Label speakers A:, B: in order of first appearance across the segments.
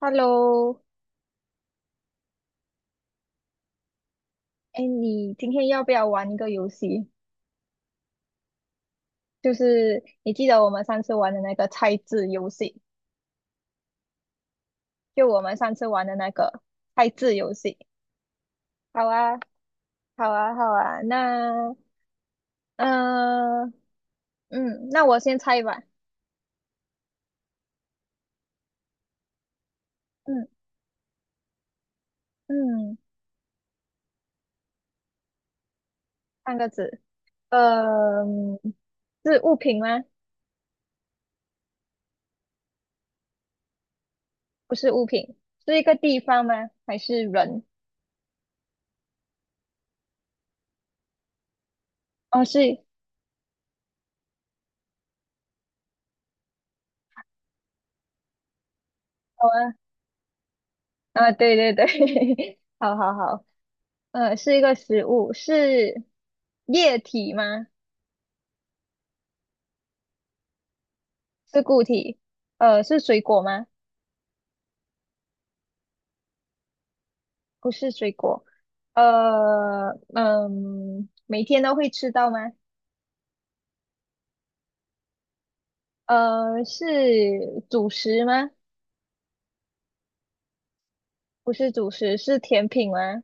A: Hello，哎，你今天要不要玩一个游戏？就是你记得我们上次玩的那个猜字游戏，就我们上次玩的那个猜字游戏。好啊，好啊，好啊。那，嗯，嗯，那我先猜吧。嗯嗯，三个字。呃，是物品吗？不是物品，是一个地方吗？还是人？哦，是，好啊，啊，对对对，好好好。是一个食物，是液体吗？是固体？是水果吗？不是水果。每天都会吃到吗？是主食吗？不是主食，是甜品吗？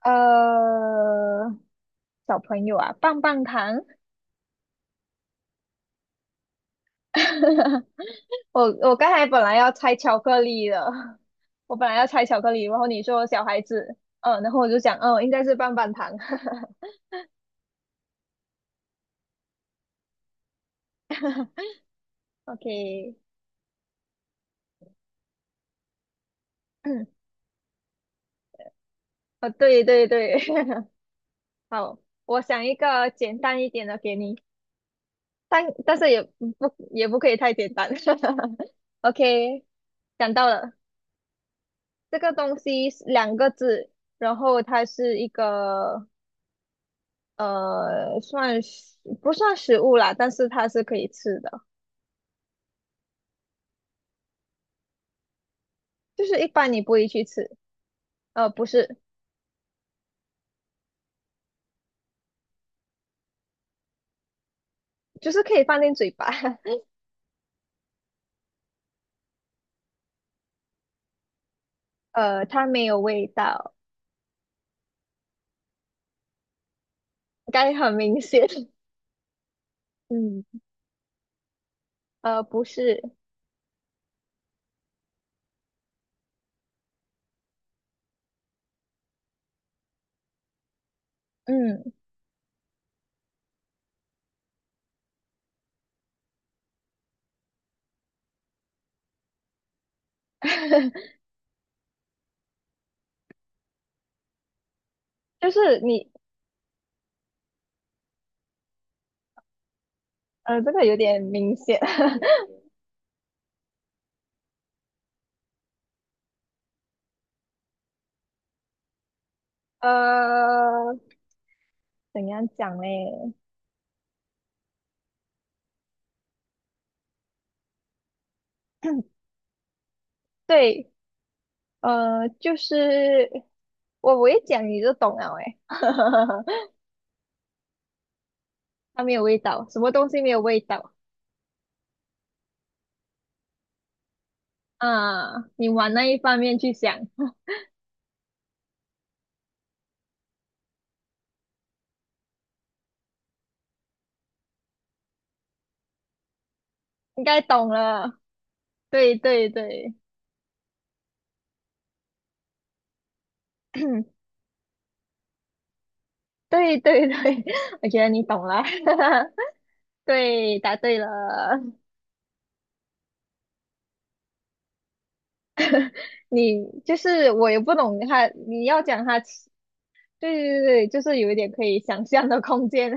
A: 呃，小朋友啊，棒棒糖。我刚才本来要猜巧克力的，我本来要猜巧克力，然后你说小孩子，然后我就想，应该是棒棒糖。OK，嗯，哦，对对对，好，我想一个简单一点的给你，但是也不可以太简单。OK，想到了，这个东西是两个字，然后它是一个算是不算食物啦，但是它是可以吃的，就是一般你不会去吃，不是，就是可以放进嘴巴，它没有味道，应该很明显，嗯，不是。嗯，就是你这个有点明显，呃，怎样讲嘞？对，就是我一讲你就懂了诶，它没有味道，什么东西没有味道啊？你往那一方面去想，应该懂了。对对对，对对对，我觉得你懂了，对，答对了。你就是我也不懂他，你要讲他对对对，就是有一点可以想象的空间。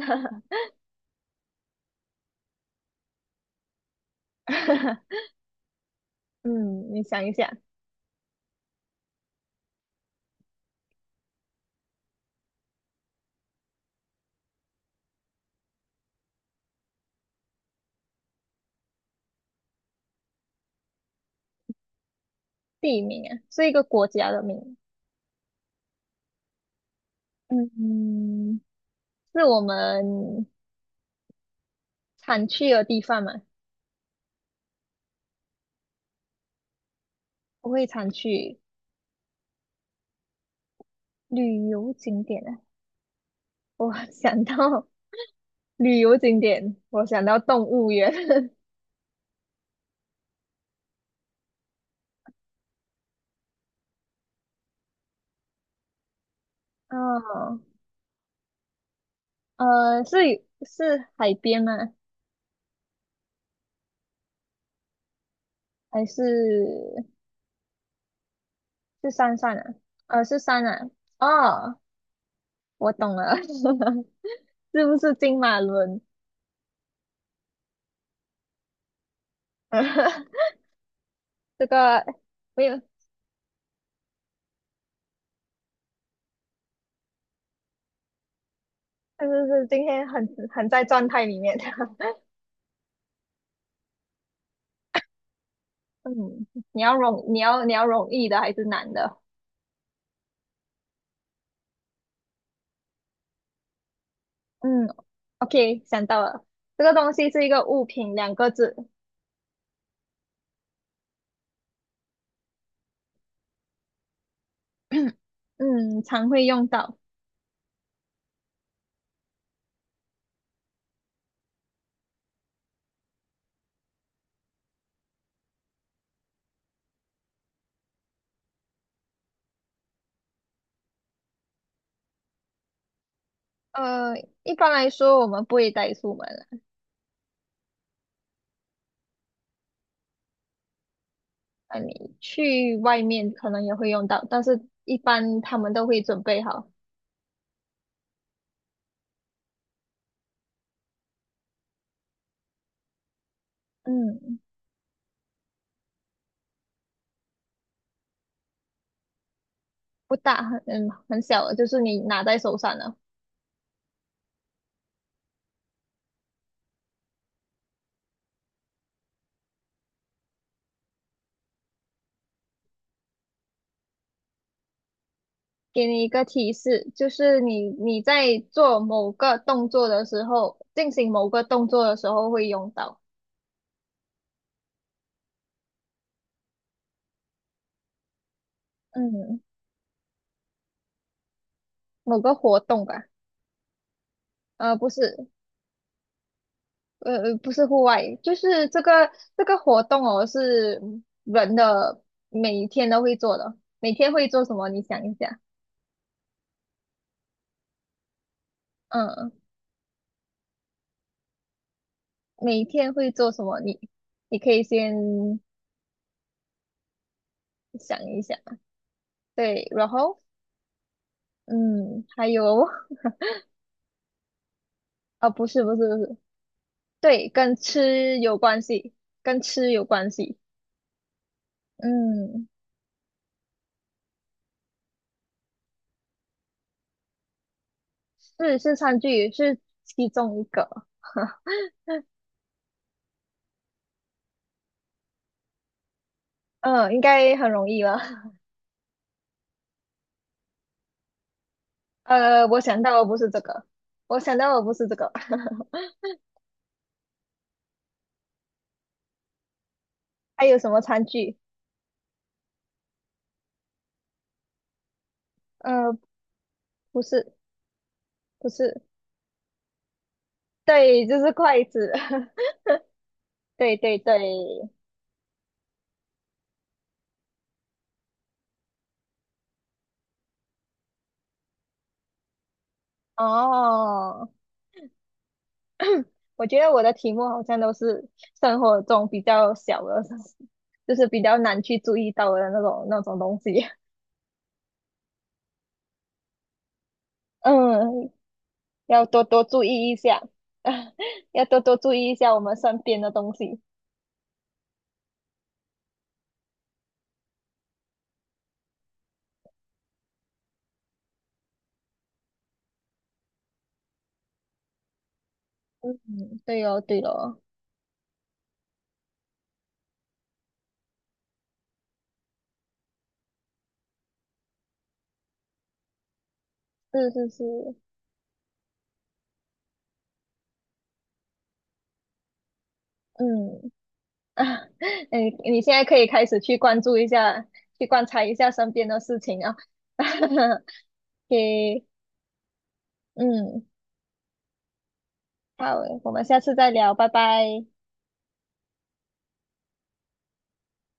A: 嗯，你想一下。地名啊，是一个国家的名？嗯，是我们常去的地方嘛？不会常去。旅游景点啊。我想到旅游景点，我想到动物园。哦，呃，是是海边吗？还是是山上啊？是山啊。哦，我懂了，是不是金马仑？这个没有，就是今天很在状态里面。嗯，你要容易的还是难的？嗯，OK，想到了，这个东西是一个物品，两个字。嗯，常会用到。呃，一般来说我们不会带出门了，你去外面可能也会用到，但是一般他们都会准备好。嗯，不大，很小的，就是你拿在手上的。给你一个提示，就是你在做某个动作的时候，进行某个动作的时候会用到，嗯，某个活动吧，不是，不是户外，就是这个活动哦，是人的每天都会做的，每天会做什么？你想一下。嗯，每天会做什么？你可以先想一想，对，然后，嗯，还有，啊、不是不是不是，对，跟吃有关系，跟吃有关系。嗯，是餐具，是其中一个。嗯，应该很容易了。我想到的不是这个，我想到的不是这个。还有什么餐具？呃，不是，不是，对，就是筷子。对对对，哦，我觉得我的题目好像都是生活中比较小的，就是比较难去注意到的那种东西。嗯，要多多注意一下，要多多注意一下我们身边的东西。嗯，对哦，对哦，是是是，嗯 啊，你现在可以开始去关注一下，去观察一下身边的事情啊。给，嗯，好，我们下次再聊，拜拜。